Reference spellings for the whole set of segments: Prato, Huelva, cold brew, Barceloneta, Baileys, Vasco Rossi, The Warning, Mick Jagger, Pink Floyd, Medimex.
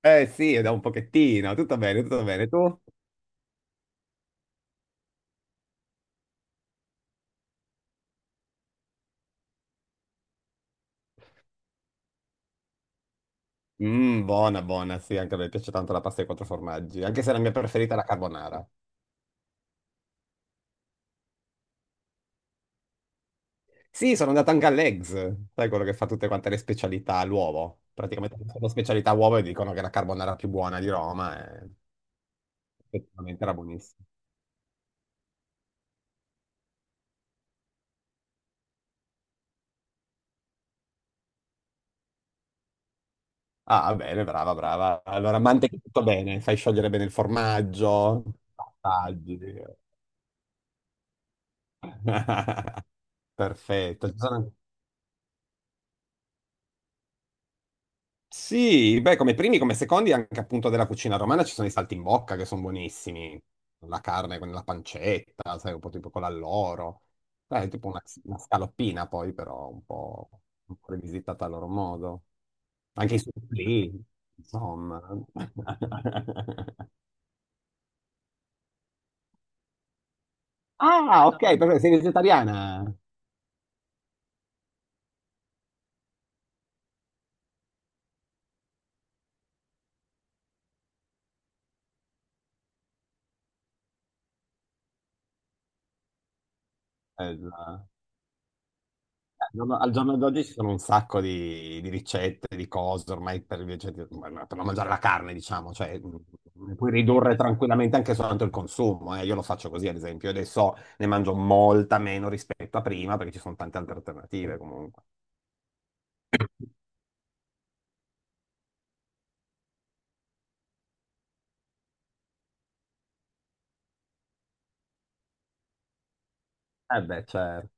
Eh sì, è da un pochettino, tutto bene, tutto bene. Tu? Mm, buona, buona, sì, anche a me piace tanto la pasta ai quattro formaggi, anche se la mia preferita è la carbonara. Sì, sono andato anche all'Eggs, sai quello che fa tutte quante le specialità all'uovo. Praticamente tutte le specialità all'uovo e dicono che è la carbonara più buona di Roma, e effettivamente era buonissima. Ah, bene, brava, brava. Allora, mantechi tutto bene, fai sciogliere bene il formaggio, passaggi. Perfetto. Sì, beh, come primi, come secondi, anche appunto della cucina romana ci sono i saltimbocca che sono buonissimi. La carne con la pancetta, sai, un po' tipo con l'alloro. Sai, tipo una scaloppina poi, però un po' rivisitata a loro modo. Anche i supplì, insomma. Ah, ok, perché sei vegetariana. Bella. Al giorno d'oggi ci sono un sacco di ricette, di cose ormai per, per non mangiare la carne, diciamo, cioè ne puoi ridurre tranquillamente anche soltanto il consumo. Eh. Io lo faccio così, ad esempio, io adesso ne mangio molta meno rispetto a prima perché ci sono tante altre alternative comunque. Eh beh, certo.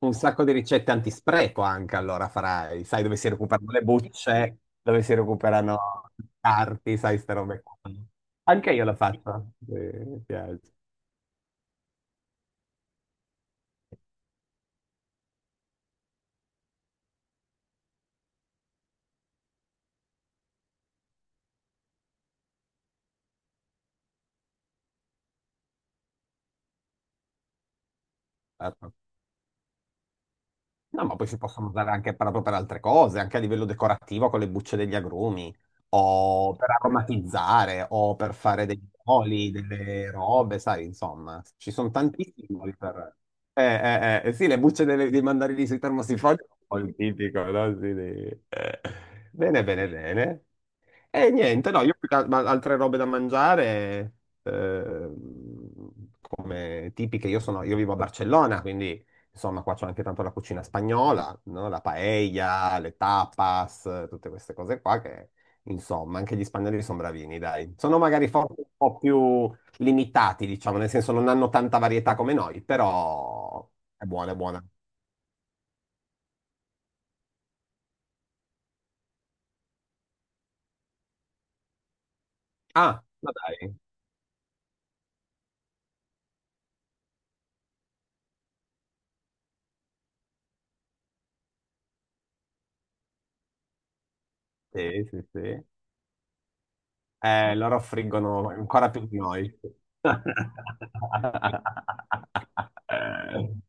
Un sacco di ricette antispreco anche allora farai, sai dove si recuperano le bucce, dove si recuperano i carti, sai, ste robe qua. Anche io lo faccio, sì, mi piace. Certo. No, ma poi si possono usare anche proprio per altre cose, anche a livello decorativo con le bucce degli agrumi, o per aromatizzare, o per fare dei oli, delle robe, sai, insomma, ci sono tantissimi modi per... Eh, sì, le bucce dei mandarini sui termosifoni sono il tipico, no? Sì. Bene, bene, bene. E niente, no, io più che altre robe da mangiare, ehm, come tipiche, io vivo a Barcellona, quindi... Insomma, qua c'è anche tanto la cucina spagnola, no? La paella, le tapas, tutte queste cose qua che, insomma, anche gli spagnoli sono bravini, dai. Sono magari forse un po' più limitati, diciamo, nel senso non hanno tanta varietà come noi, però è buona, è buona. Ah, ma dai. Sì, sì, sì. Loro friggono ancora più di noi.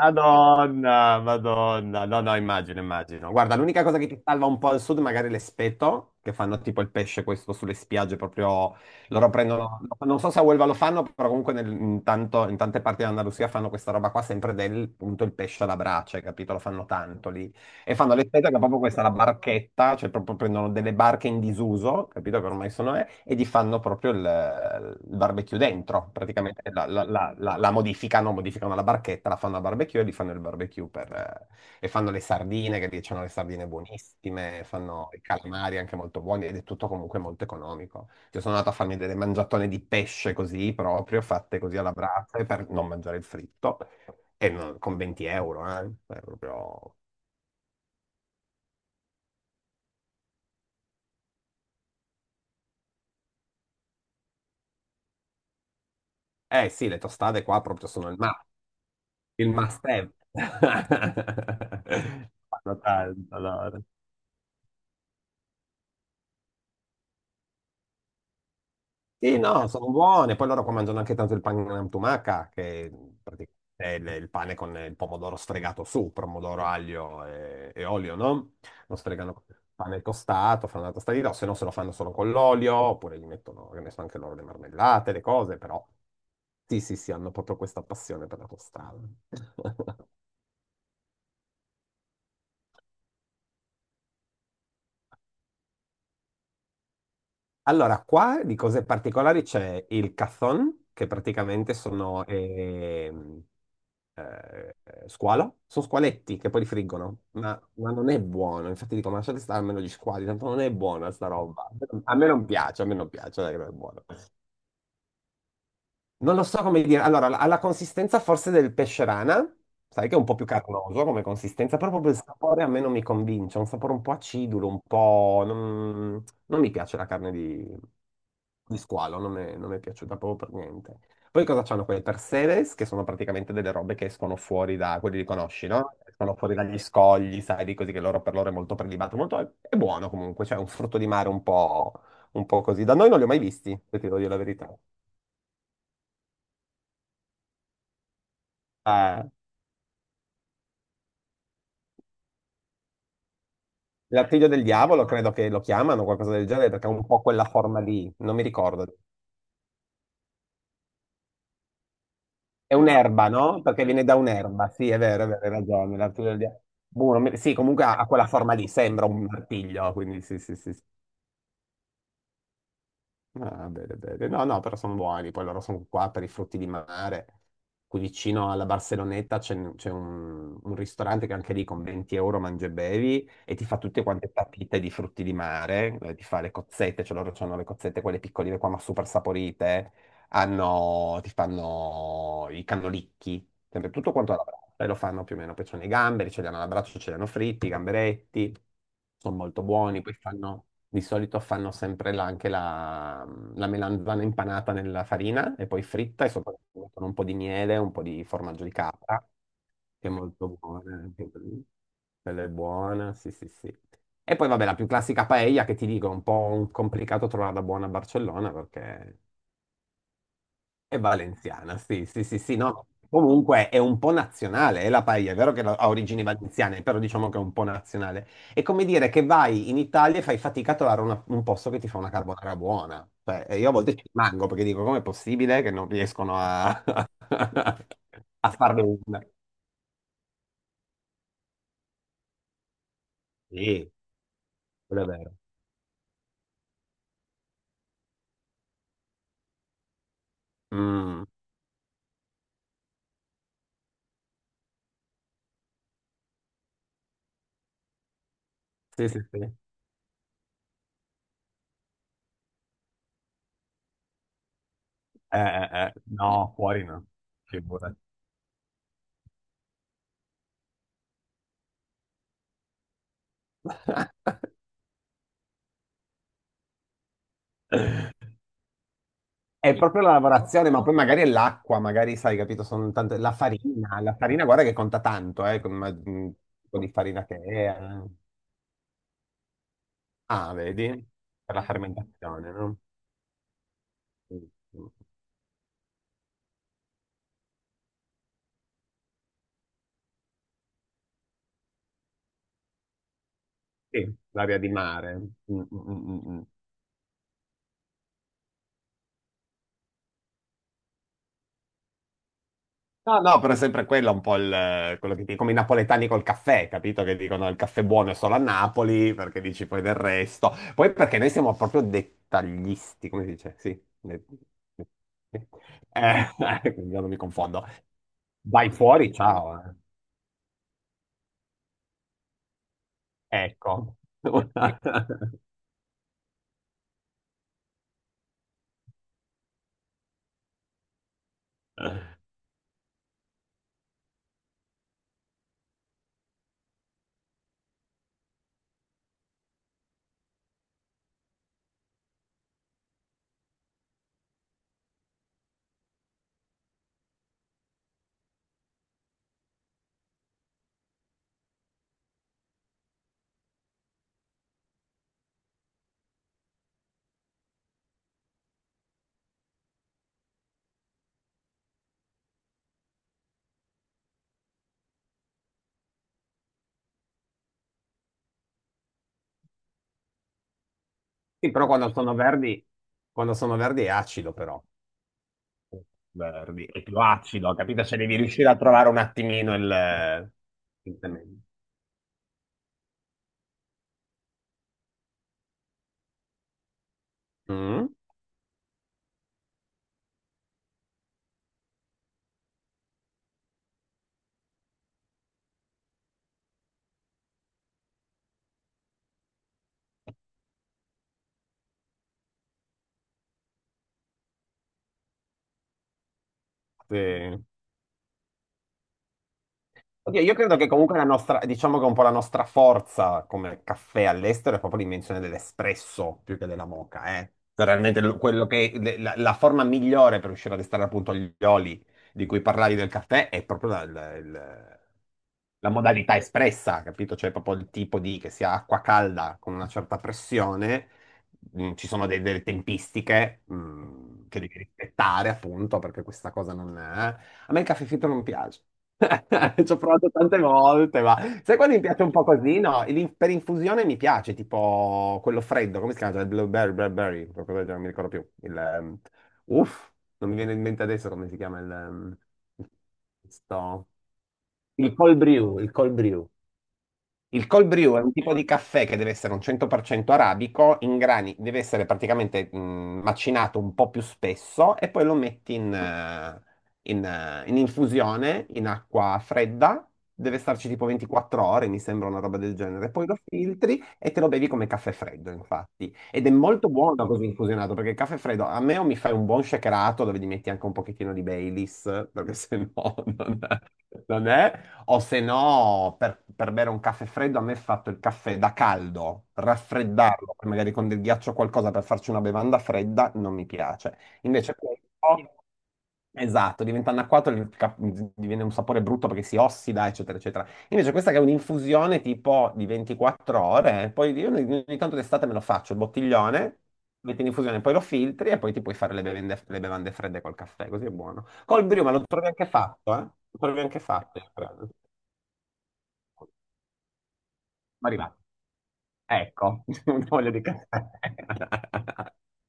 Madonna, Madonna, no, no, immagino, immagino. Guarda, l'unica cosa che ti salva un po' al sud, magari l'espeto, che fanno tipo il pesce questo sulle spiagge, proprio loro prendono, non so se a Huelva lo fanno, però comunque in tante parti dell'Andalusia fanno questa roba qua, sempre del, appunto, il pesce alla brace, capito? Lo fanno tanto lì. E fanno l'estetica proprio questa, è la barchetta, cioè proprio prendono delle barche in disuso, capito che ormai sono, e gli fanno proprio il barbecue dentro, praticamente modificano la barchetta, la fanno a barbecue e gli fanno il barbecue per, e fanno le sardine, che lì c'hanno le sardine buonissime, fanno i calamari anche molto buoni ed è tutto comunque molto economico. Io sono andato a farmi delle mangiatone di pesce così proprio, fatte così alla brace per non mangiare il fritto, e con 20 euro, è proprio... Eh sì, le tostate qua proprio sono il must have. Fanno tanto loro. Sì, no, sono buone. Poi loro qua mangiano anche tanto il pane tumaca, che praticamente è il pane con il pomodoro sfregato su, pomodoro, aglio e olio, no? Lo sfregano con il pane tostato, fanno la tostata di riso, se no se lo fanno solo con l'olio, oppure gli mettono, che ne so, anche loro le marmellate, le cose, però sì, sì, sì, hanno proprio questa passione per la tostata. Allora, qua di cose particolari c'è il cazón, che praticamente sono eh, squalo, sono squaletti che poi li friggono, ma non è buono, infatti dico, ma lasciate stare almeno gli squali, tanto non è buona sta roba, a me non piace, a me non piace, dai, che non è buono. Non lo so come dire. Allora, ha la consistenza forse del pesce rana, sai che è un po' più carnoso come consistenza, però proprio il sapore a me non mi convince, è un sapore un po' acidulo, un po'... Non mi piace la carne di squalo, non mi è piaciuta proprio per niente. Poi cosa c'hanno quei perseves, che sono praticamente delle robe che escono fuori da... quelli li conosci, no? Escono fuori dagli scogli, sai, di così che loro per loro è molto prelibato, molto... è buono comunque, cioè è un frutto di mare un po' così. Da noi non li ho mai visti, se ti devo dire la verità. Eh, L'artiglio del diavolo, credo che lo chiamano, qualcosa del genere, perché ha un po' quella forma lì, non mi ricordo. È un'erba, no? Perché viene da un'erba, sì, è vero, hai ragione, l'artiglio del diavolo. Boh, non mi- Sì, comunque ha quella forma lì, sembra un artiglio, quindi sì, sì, sì, sì. Ah, bene, bene. No, no, però sono buoni. Poi loro sono qua per i frutti di mare. Qui vicino alla Barceloneta c'è un ristorante che anche lì con 20 euro mangi e bevi e ti fa tutte quante papite di frutti di mare. Ti fa le cozzette, cioè loro hanno le cozzette quelle piccoline qua, ma super saporite ti fanno i cannolicchi, sempre tutto quanto alla brace, e lo fanno più o meno, poi sono i gamberi, ce li hanno alla braccia, ce li hanno fritti, i gamberetti, sono molto buoni, poi fanno, di solito fanno sempre anche la melanzana impanata nella farina e poi fritta e sopra ci mettono un po' di miele, un po' di formaggio di capra, che è molto buona, anche quella è buona, sì sì sì. E poi vabbè, la più classica paella che ti dico, è un po' un complicato trovarla buona a Barcellona perché è valenziana, sì, sì, sì, sì, no. Comunque è un po' nazionale, è la paella, è vero che ha origini valenziane, però diciamo che è un po' nazionale. È come dire che vai in Italia e fai fatica a trovare un posto che ti fa una carbonara buona. Cioè, io a volte ci rimango perché dico, com'è possibile che non riescono a, a farne una? Sì, quello è vero. Mm, sì, sì, sì. Eh, no, fuori no, figurati. È proprio la lavorazione, ma poi magari è l'acqua, magari sai, capito, sono tante... La farina guarda che conta tanto, tipo di farina che è. Eh. Ah, vedi? Per la fermentazione, no? Mm, mm. Mm. Sì, l'aria di mare. Mm, mm, mm, mm. Mm. No, no, però è sempre quello un po' quello che dicono come i napoletani col caffè, capito? Che dicono il caffè buono è solo a Napoli, perché dici poi del resto. Poi perché noi siamo proprio dettagliisti, come si dice? Sì. de- de- de- eh, quindi io non mi confondo. Vai fuori, ciao. Eh. Ecco. Sì, però quando sono verdi è acido però. Verdi, è più acido, capito? Cioè devi riuscire a trovare un attimino temendo. Mm? Sì. Oddio, io credo che comunque la nostra, diciamo che un po' la nostra forza come caffè all'estero è proprio l'invenzione dell'espresso più che della moka, eh. Cioè, realmente quello che, la forma migliore per riuscire ad estrarre appunto gli oli di cui parlavi del caffè è proprio la modalità espressa, capito? Cioè proprio il tipo di che sia acqua calda con una certa pressione, ci sono delle tempistiche, che devi rispettare appunto perché questa cosa non è. Eh. A me il caffè fritto non piace. Ci ho provato tante volte, ma sai quando mi piace un po' così? No, per infusione mi piace, tipo quello freddo, come si chiama? Il blueberry, qualcosa del genere, non mi ricordo più. Uff, non mi viene in mente adesso come si chiama sto- Il cold brew, il cold brew. Il cold brew è un tipo di caffè che deve essere un 100% arabico, in grani, deve essere praticamente macinato un po' più spesso e poi lo metti in infusione in acqua fredda, deve starci tipo 24 ore, mi sembra una roba del genere. Poi lo filtri e te lo bevi come caffè freddo, infatti. Ed è molto buono così infusionato, perché il caffè freddo a me o mi fai un buon shakerato dove gli metti anche un pochettino di Baileys, perché se no non, non è. O se no, per bere un caffè freddo, a me è fatto il caffè da caldo, raffreddarlo, poi magari con del ghiaccio o qualcosa per farci una bevanda fredda, non mi piace. Invece questo, esatto, diventa anacquato, diviene un sapore brutto perché si ossida, eccetera, eccetera. Invece questa che è un'infusione tipo di 24 ore, poi io ogni tanto d'estate me lo faccio, il bottiglione, metti in infusione, poi lo filtri e poi ti puoi fare le bevande fredde col caffè, così è buono. Col Briuma lo trovi anche fatto, eh? Lo trovi anche fatto, io credo arrivato. Ecco, non voglio di caffè.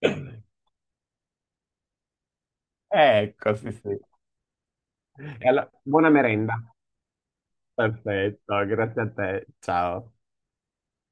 Ecco, sì, sì. E allora, buona merenda. Perfetto, grazie a te. Ciao.